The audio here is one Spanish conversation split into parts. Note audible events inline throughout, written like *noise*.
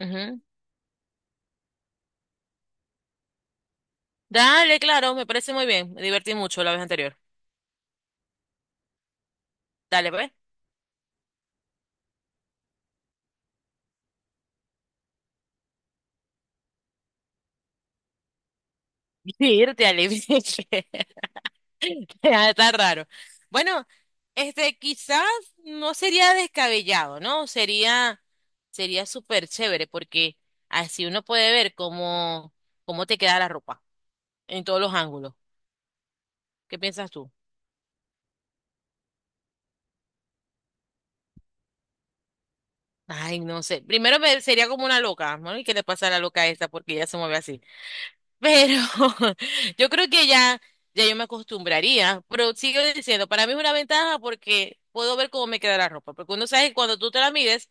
Ujú. Dale, claro, me parece muy bien. Me divertí mucho la vez anterior. Dale, pues. Irte, Ale. *laughs* Está raro. Bueno, quizás no sería descabellado, ¿no? Sería súper chévere porque así uno puede ver cómo te queda la ropa en todos los ángulos. ¿Qué piensas tú? Ay, no sé. Primero sería como una loca, ¿no? ¿Y qué le pasa a la loca esta? Porque ella se mueve así. Pero *laughs* yo creo que ya, ya yo me acostumbraría, pero sigo diciendo, para mí es una ventaja porque puedo ver cómo me queda la ropa, porque uno sabe que cuando tú te la mides,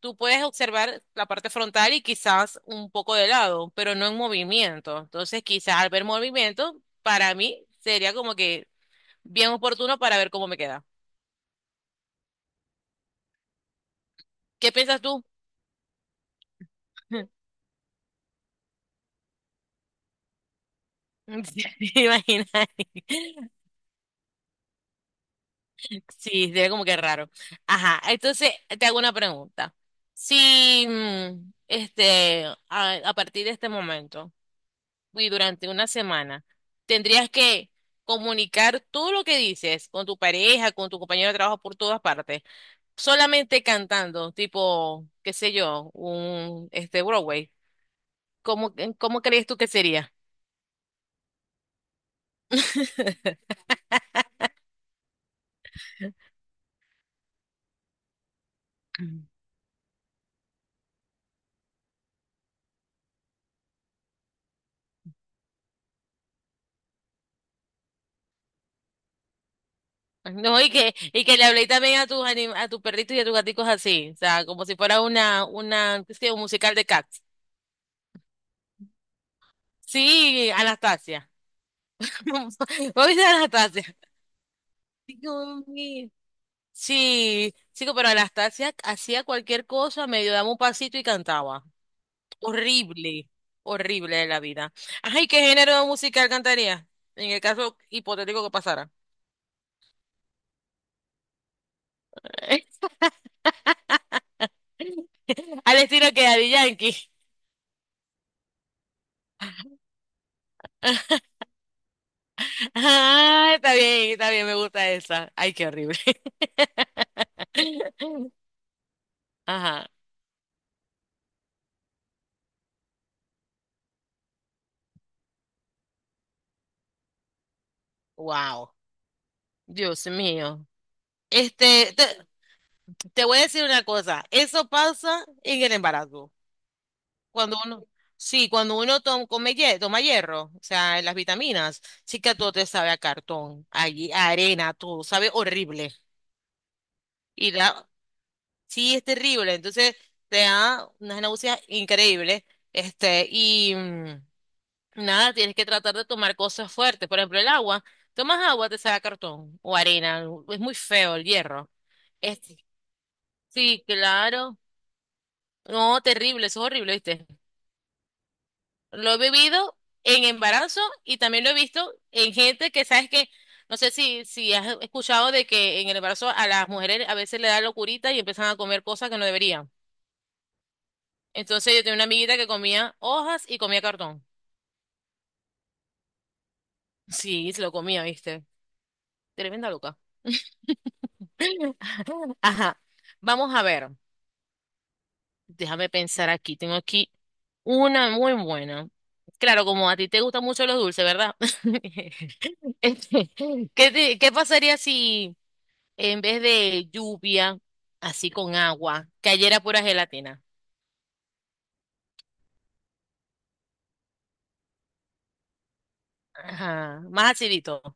tú puedes observar la parte frontal y quizás un poco de lado, pero no en movimiento. Entonces, quizás al ver movimiento, para mí sería como que bien oportuno para ver cómo me queda. ¿Qué piensas tú? *laughs* Sí. *laughs* Imagina. Sí, sería como que raro. Ajá, entonces te hago una pregunta. Si, a partir de este momento y durante una semana, tendrías que comunicar todo lo que dices con tu pareja, con tu compañero de trabajo por todas partes, solamente cantando, tipo, qué sé yo, un, Broadway. ¿Cómo crees tú que sería? *laughs* No, y que le hablé también a a tus perritos y a tus gaticos así, o sea, como si fuera una, qué sé yo, un musical de Cats. Sí, Anastasia. *laughs* ¿Vos viste a Anastasia? Dios mío. Sí, chico, pero Anastasia hacía cualquier cosa, medio daba un pasito y cantaba. Horrible, horrible de la vida. Ajá, ¿y qué género de musical cantaría? En el caso hipotético que pasara. *laughs* Al estilo que Daddy Yankee. *laughs* Ah, está bien, me gusta esa. Ay, qué horrible. *laughs* Ajá, wow, Dios mío. Este, te, te voy a decir una cosa, eso pasa en el embarazo. Cuando uno, sí, cuando uno toma hierro, o sea, las vitaminas, sí que todo te sabe a cartón, allí, a arena, todo sabe horrible. Y sí, es terrible. Entonces, te da unas náuseas increíbles. Este, y. mm, Nada, tienes que tratar de tomar cosas fuertes. Por ejemplo, el agua. Tomas agua, te saca cartón o arena. Es muy feo el hierro. Este, sí, claro. No, terrible, eso es horrible, ¿viste? Lo he vivido en embarazo y también lo he visto en gente que, ¿sabes que? No sé si has escuchado de que en el embarazo a las mujeres a veces le da locurita y empiezan a comer cosas que no deberían. Entonces yo tenía una amiguita que comía hojas y comía cartón. Sí, se lo comía, ¿viste? Tremenda loca. *laughs* Ajá. Vamos a ver. Déjame pensar aquí. Tengo aquí una muy buena. Claro, como a ti te gustan mucho los dulces, ¿verdad? *laughs* Este, ¿qué pasaría si en vez de lluvia, así con agua, cayera pura gelatina? Ajá, más acidito.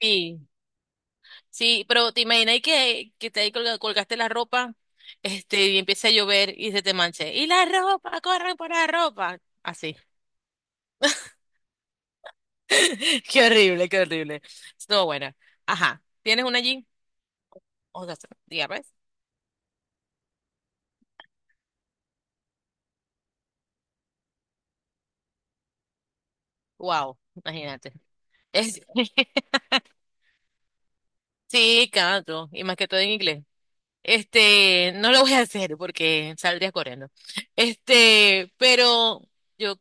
Sí, sí, pero te imaginas que te ahí colgaste la ropa, y empieza a llover y se te manche. Y la ropa, corre por la ropa. Así. *laughs* Qué horrible, qué horrible. Estuvo buena. Ajá. ¿Tienes una allí? O sea, ya ves. Wow, imagínate. Es- *laughs* Sí, canto. Y más que todo en inglés. No lo voy a hacer porque saldría corriendo. Pero yo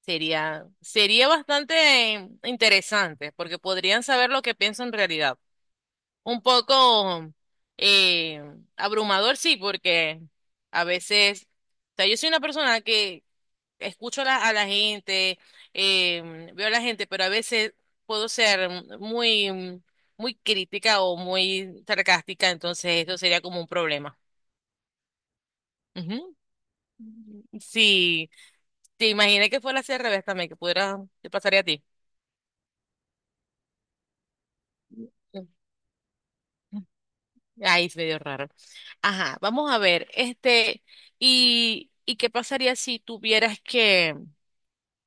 sería bastante interesante porque podrían saber lo que pienso en realidad. Un poco eh, abrumador, sí, porque a veces, o sea, yo soy una persona que escucho a la gente, veo a la gente, pero a veces puedo ser muy, muy crítica o muy sarcástica, entonces eso sería como un problema. Ujú. Sí, te imaginé que fuera así al revés también, que pudiera, te pasaría a ti. Mm. Ay, es medio raro. Ajá, vamos a ver, ¿y qué pasaría si tuvieras que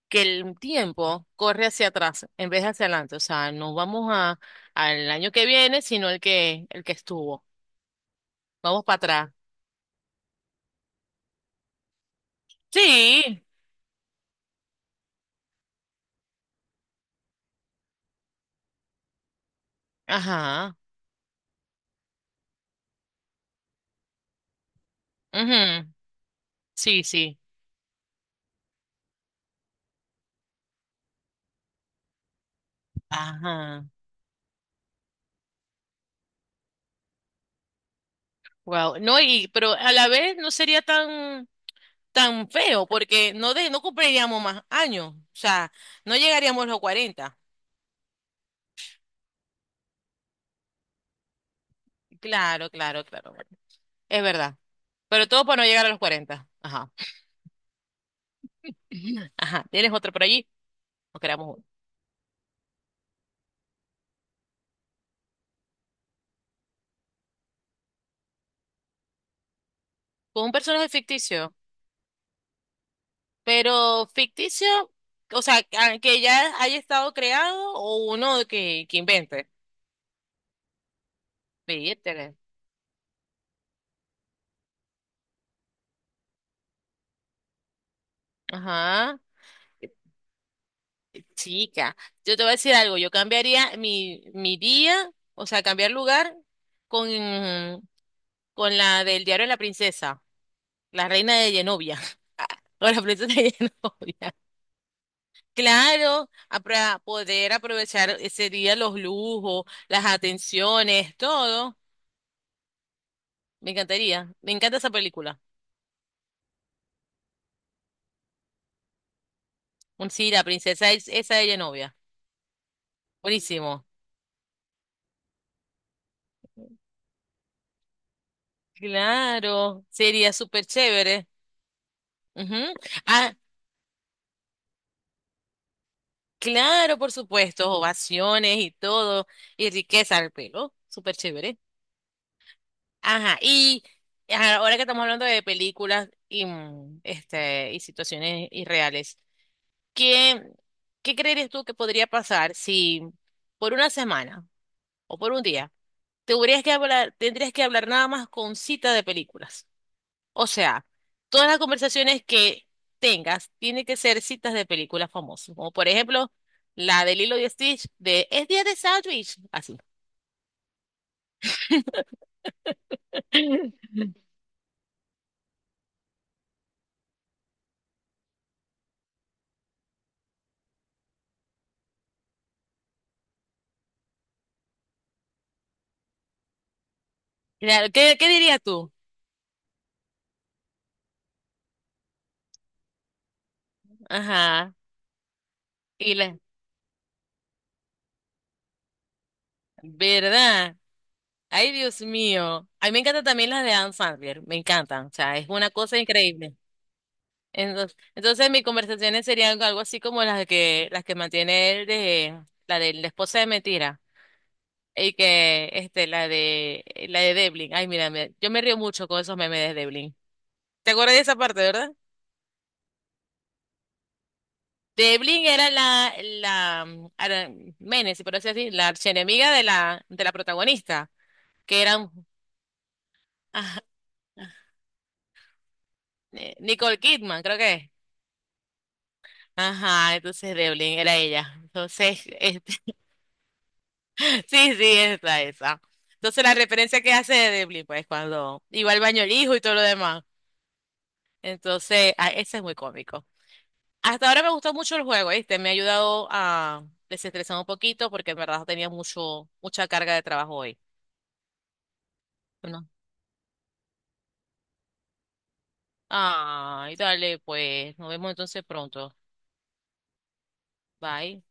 que el tiempo corre hacia atrás en vez de hacia adelante? O sea, no vamos al año que viene, sino el que estuvo. Vamos para atrás. Sí. Ajá. Ujú, sí, sí. Ajá. Wow. No, pero a la vez no sería tan, tan feo, porque no no cumpliríamos más años. O sea, no llegaríamos a los 40. Claro, claro, claro. Es verdad. Pero todo para no llegar a los 40. Ajá. *laughs* Ajá. ¿Tienes otro por allí? ¿O creamos uno? Con un personaje ficticio, pero ficticio, o sea, que ya haya estado creado o uno que invente. Vítele. Ajá. Chica, yo te voy a decir algo, yo cambiaría mi día, o sea, cambiar lugar con, con la del diario de la princesa, la reina de Genovia, *laughs* o la princesa de Genovia. Claro, para poder aprovechar ese día los lujos, las atenciones, todo. Me encantaría. Me encanta esa película. Un sí, la princesa es esa ella novia. Buenísimo. Claro, sería súper chévere. Ujú. Ah, claro, por supuesto. Ovaciones y todo. Y riqueza al pelo. Súper chévere. Ajá. Y ajá, ahora que estamos hablando de películas y situaciones irreales, ¿qué, qué creerías tú que podría pasar si por una semana o por un día? Tendrías que hablar nada más con cita de películas. O sea, todas las conversaciones que tengas tienen que ser citas de películas famosas, como por ejemplo la de Lilo y Stitch de Es día de sándwich, así. *laughs* Claro, ¿Qué dirías tú? Ajá. Y la verdad, ay Dios mío, a mí me encantan también las de Anne Sandler, me encantan, o sea, es una cosa increíble. Entonces mis conversaciones serían algo así como las que mantiene él de la esposa de Mentira y que la de Devlin. Ay, mira, yo me río mucho con esos memes de Devlin. ¿Te acuerdas de esa parte, verdad? Devlin era la Menes, si por así decir, la archienemiga de la protagonista, que eran ajá, *laughs* Nicole Kidman, creo que es. Ajá, entonces Devlin era ella. Entonces, sí, sí, es la esa. Entonces la referencia que hace de Deadpool, pues cuando iba al baño el hijo y todo lo demás. Entonces, ah, ese es muy cómico. Hasta ahora me gustó mucho el juego, ¿viste? Me ha ayudado a desestresar un poquito porque en verdad tenía mucha carga de trabajo hoy. Bueno. Ay, dale, pues, nos vemos entonces pronto. Bye.